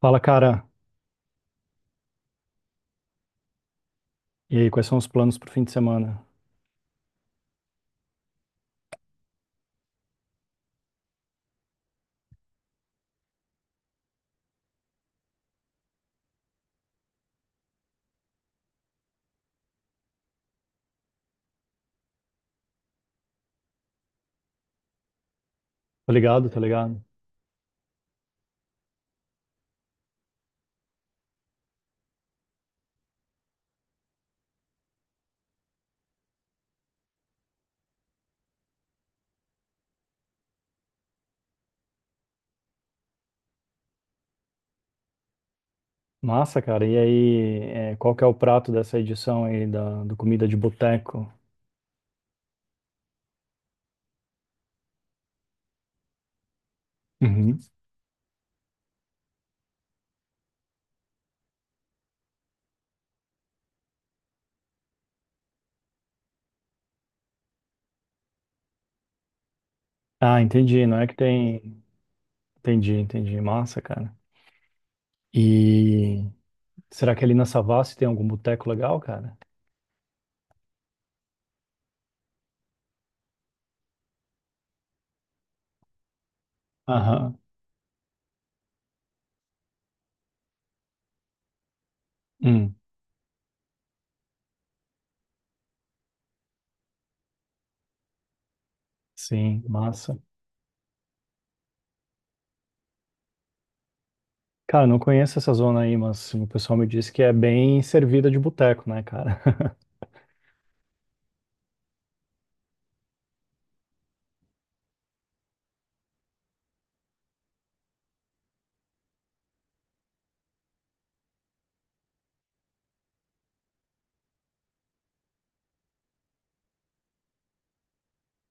Fala, cara. E aí, quais são os planos pro fim de semana? Tá ligado, tá ligado? Massa, cara. E aí, é, qual que é o prato dessa edição aí da, do Comida de Boteco? Uhum. Ah, entendi. Não é que tem. Entendi, entendi. Massa, cara. E será que ali na Savassi tem algum boteco legal, cara? Aham. Hum. Sim, massa. Cara, não conheço essa zona aí, mas o pessoal me disse que é bem servida de boteco, né, cara?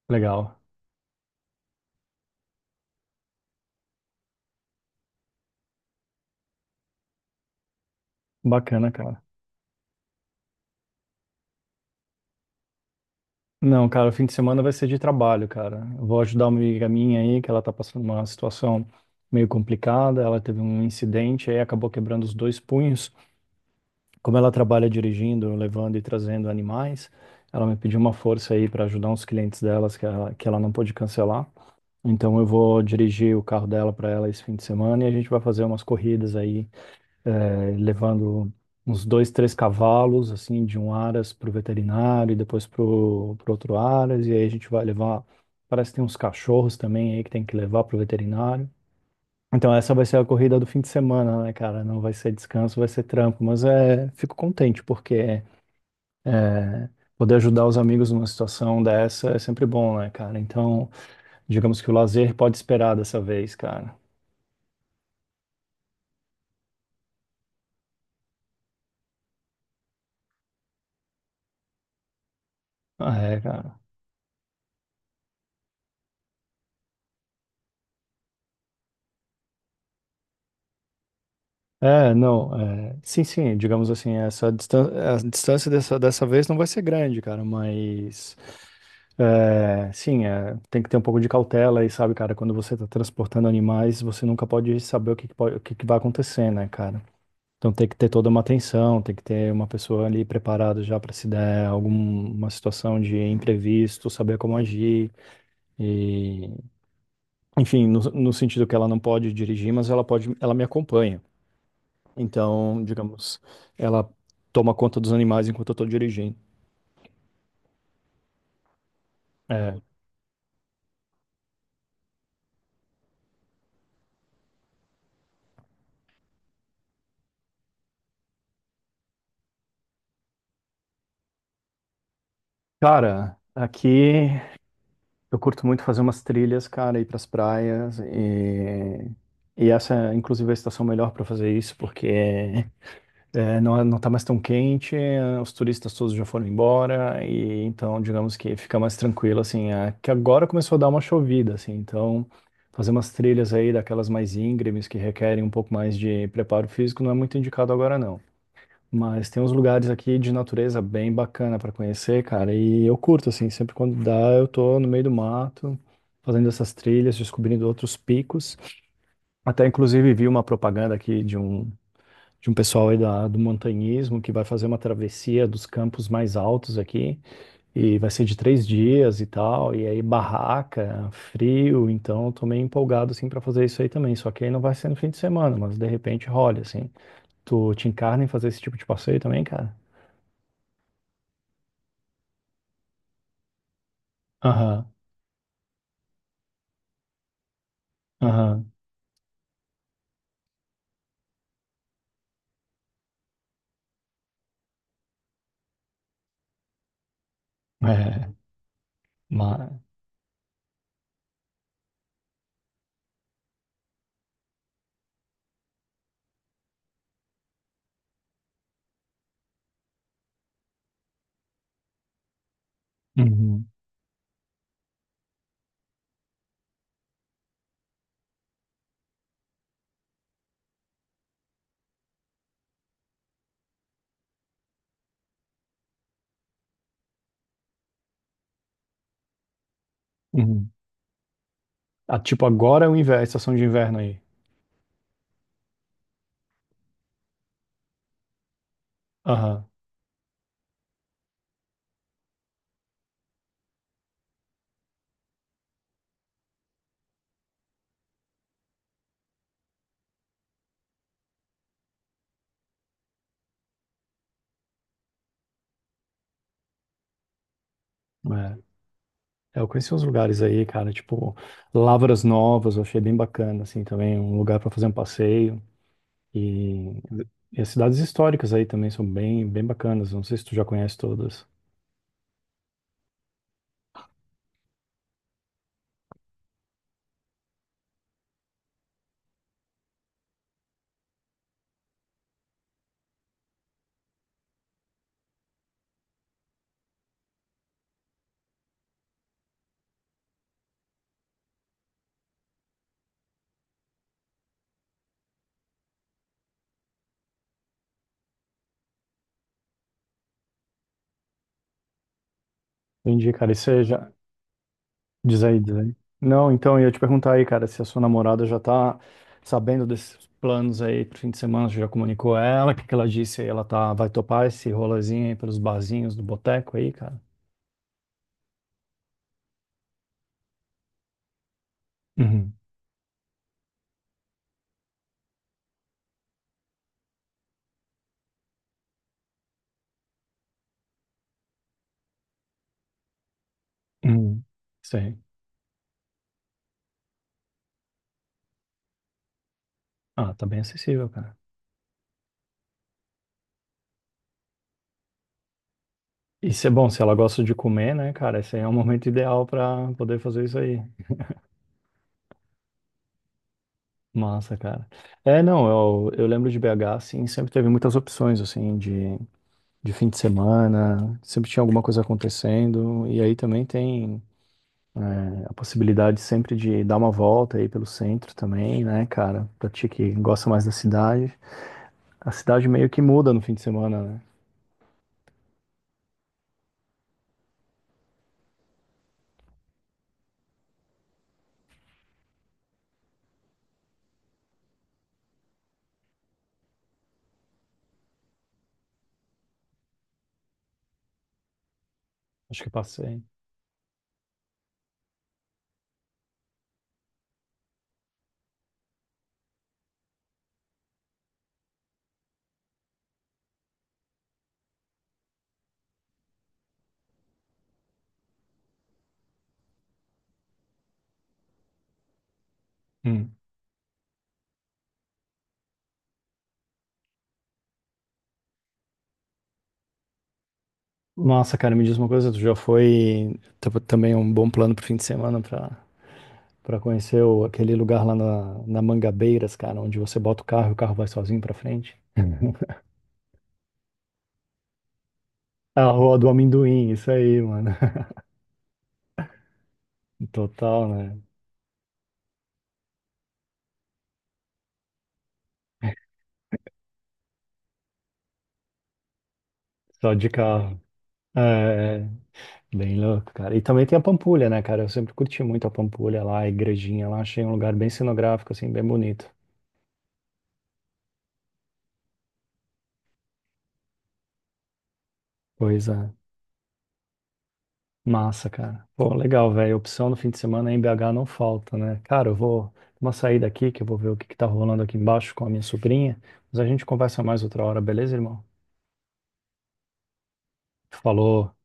Legal. Bacana, cara. Não, cara, o fim de semana vai ser de trabalho, cara. Eu vou ajudar uma amiga minha aí, que ela tá passando uma situação meio complicada. Ela teve um incidente aí, acabou quebrando os dois punhos. Como ela trabalha dirigindo, levando e trazendo animais, ela me pediu uma força aí para ajudar uns clientes delas que ela não pôde cancelar. Então eu vou dirigir o carro dela para ela esse fim de semana e a gente vai fazer umas corridas aí levando uns dois, três cavalos, assim, de um aras para o veterinário e depois para o outro aras, e aí a gente vai levar, parece que tem uns cachorros também aí que tem que levar para o veterinário. Então essa vai ser a corrida do fim de semana, né, cara? Não vai ser descanso, vai ser trampo, mas é, fico contente porque é, poder ajudar os amigos numa situação dessa é sempre bom, né, cara? Então, digamos que o lazer pode esperar dessa vez, cara. Ah, é, cara. É, não, é, sim, sim, digamos assim, essa distância, a distância dessa vez não vai ser grande, cara, mas é, sim, é, tem que ter um pouco de cautela aí, sabe, cara, quando você tá transportando animais, você nunca pode saber o que, que pode- o que que vai acontecer, né, cara? Então tem que ter toda uma atenção, tem que ter uma pessoa ali preparada já para se der alguma situação de imprevisto, saber como agir e, enfim, no sentido que ela não pode dirigir, mas ela pode, ela me acompanha. Então, digamos, ela toma conta dos animais enquanto eu tô dirigindo. É. Cara, aqui eu curto muito fazer umas trilhas, cara, ir pras praias e. E essa, inclusive, é a estação melhor para fazer isso, porque é, é, não tá mais tão quente, os turistas todos já foram embora, e então, digamos que fica mais tranquilo, assim, é, que agora começou a dar uma chovida, assim, então fazer umas trilhas aí daquelas mais íngremes que requerem um pouco mais de preparo físico não é muito indicado agora, não. Mas tem uns lugares aqui de natureza bem bacana para conhecer, cara. E eu curto, assim, sempre quando dá, eu tô no meio do mato, fazendo essas trilhas, descobrindo outros picos. Até, inclusive, vi uma propaganda aqui de um pessoal aí da, do montanhismo que vai fazer uma travessia dos campos mais altos aqui. E vai ser de três dias e tal. E aí, barraca, frio. Então, eu tô meio empolgado, assim, para fazer isso aí também. Só que aí não vai ser no fim de semana, mas de repente rola, assim. Tu te encarna em fazer esse tipo de passeio também, cara? Aham, aham. É, mas. Uhum, uhum. Ah, tipo, agora é o inverno, a estação de inverno aí. Aham, é. É, eu conheci uns lugares aí, cara, tipo, Lavras Novas, eu achei bem bacana, assim, também, um lugar para fazer um passeio. E, e as cidades históricas aí também são bem, bem bacanas, não sei se tu já conhece todas. Entendi, cara, e você já. Diz aí, diz aí. Não, então, eu ia te perguntar aí, cara, se a sua namorada já tá sabendo desses planos aí pro fim de semana, você já comunicou a ela, o que que ela disse aí? Ela tá, vai topar esse rolezinho aí pelos barzinhos do boteco aí, cara? Uhum, uhum. Isso. Ah, tá bem acessível, cara. Isso é bom, se ela gosta de comer, né, cara? Esse aí é o momento ideal pra poder fazer isso aí. Massa, cara. É, não, eu lembro de BH, assim, sempre teve muitas opções, assim, de fim de semana, sempre tinha alguma coisa acontecendo, e aí também tem é, a possibilidade sempre de dar uma volta aí pelo centro também, né, cara? Pra ti que gosta mais da cidade. A cidade meio que muda no fim de semana, né? Acho que eu passei. Hum. Nossa, cara, me diz uma coisa, tu já foi tá- também um bom plano pro fim de semana pra, pra conhecer o- aquele lugar lá na, na Mangabeiras, cara, onde você bota o carro e o carro vai sozinho pra frente? A Rua do Amendoim, isso aí, mano. Total, né? Só de carro. É, é, bem louco, cara. E também tem a Pampulha, né, cara? Eu sempre curti muito a Pampulha lá, a igrejinha lá. Achei um lugar bem cenográfico, assim, bem bonito. Coisa massa, cara. Pô, legal, velho. Opção no fim de semana em BH não falta, né? Cara, eu vou uma saída aqui, que eu vou ver o que que tá rolando aqui embaixo com a minha sobrinha. Mas a gente conversa mais outra hora, beleza, irmão? Falou.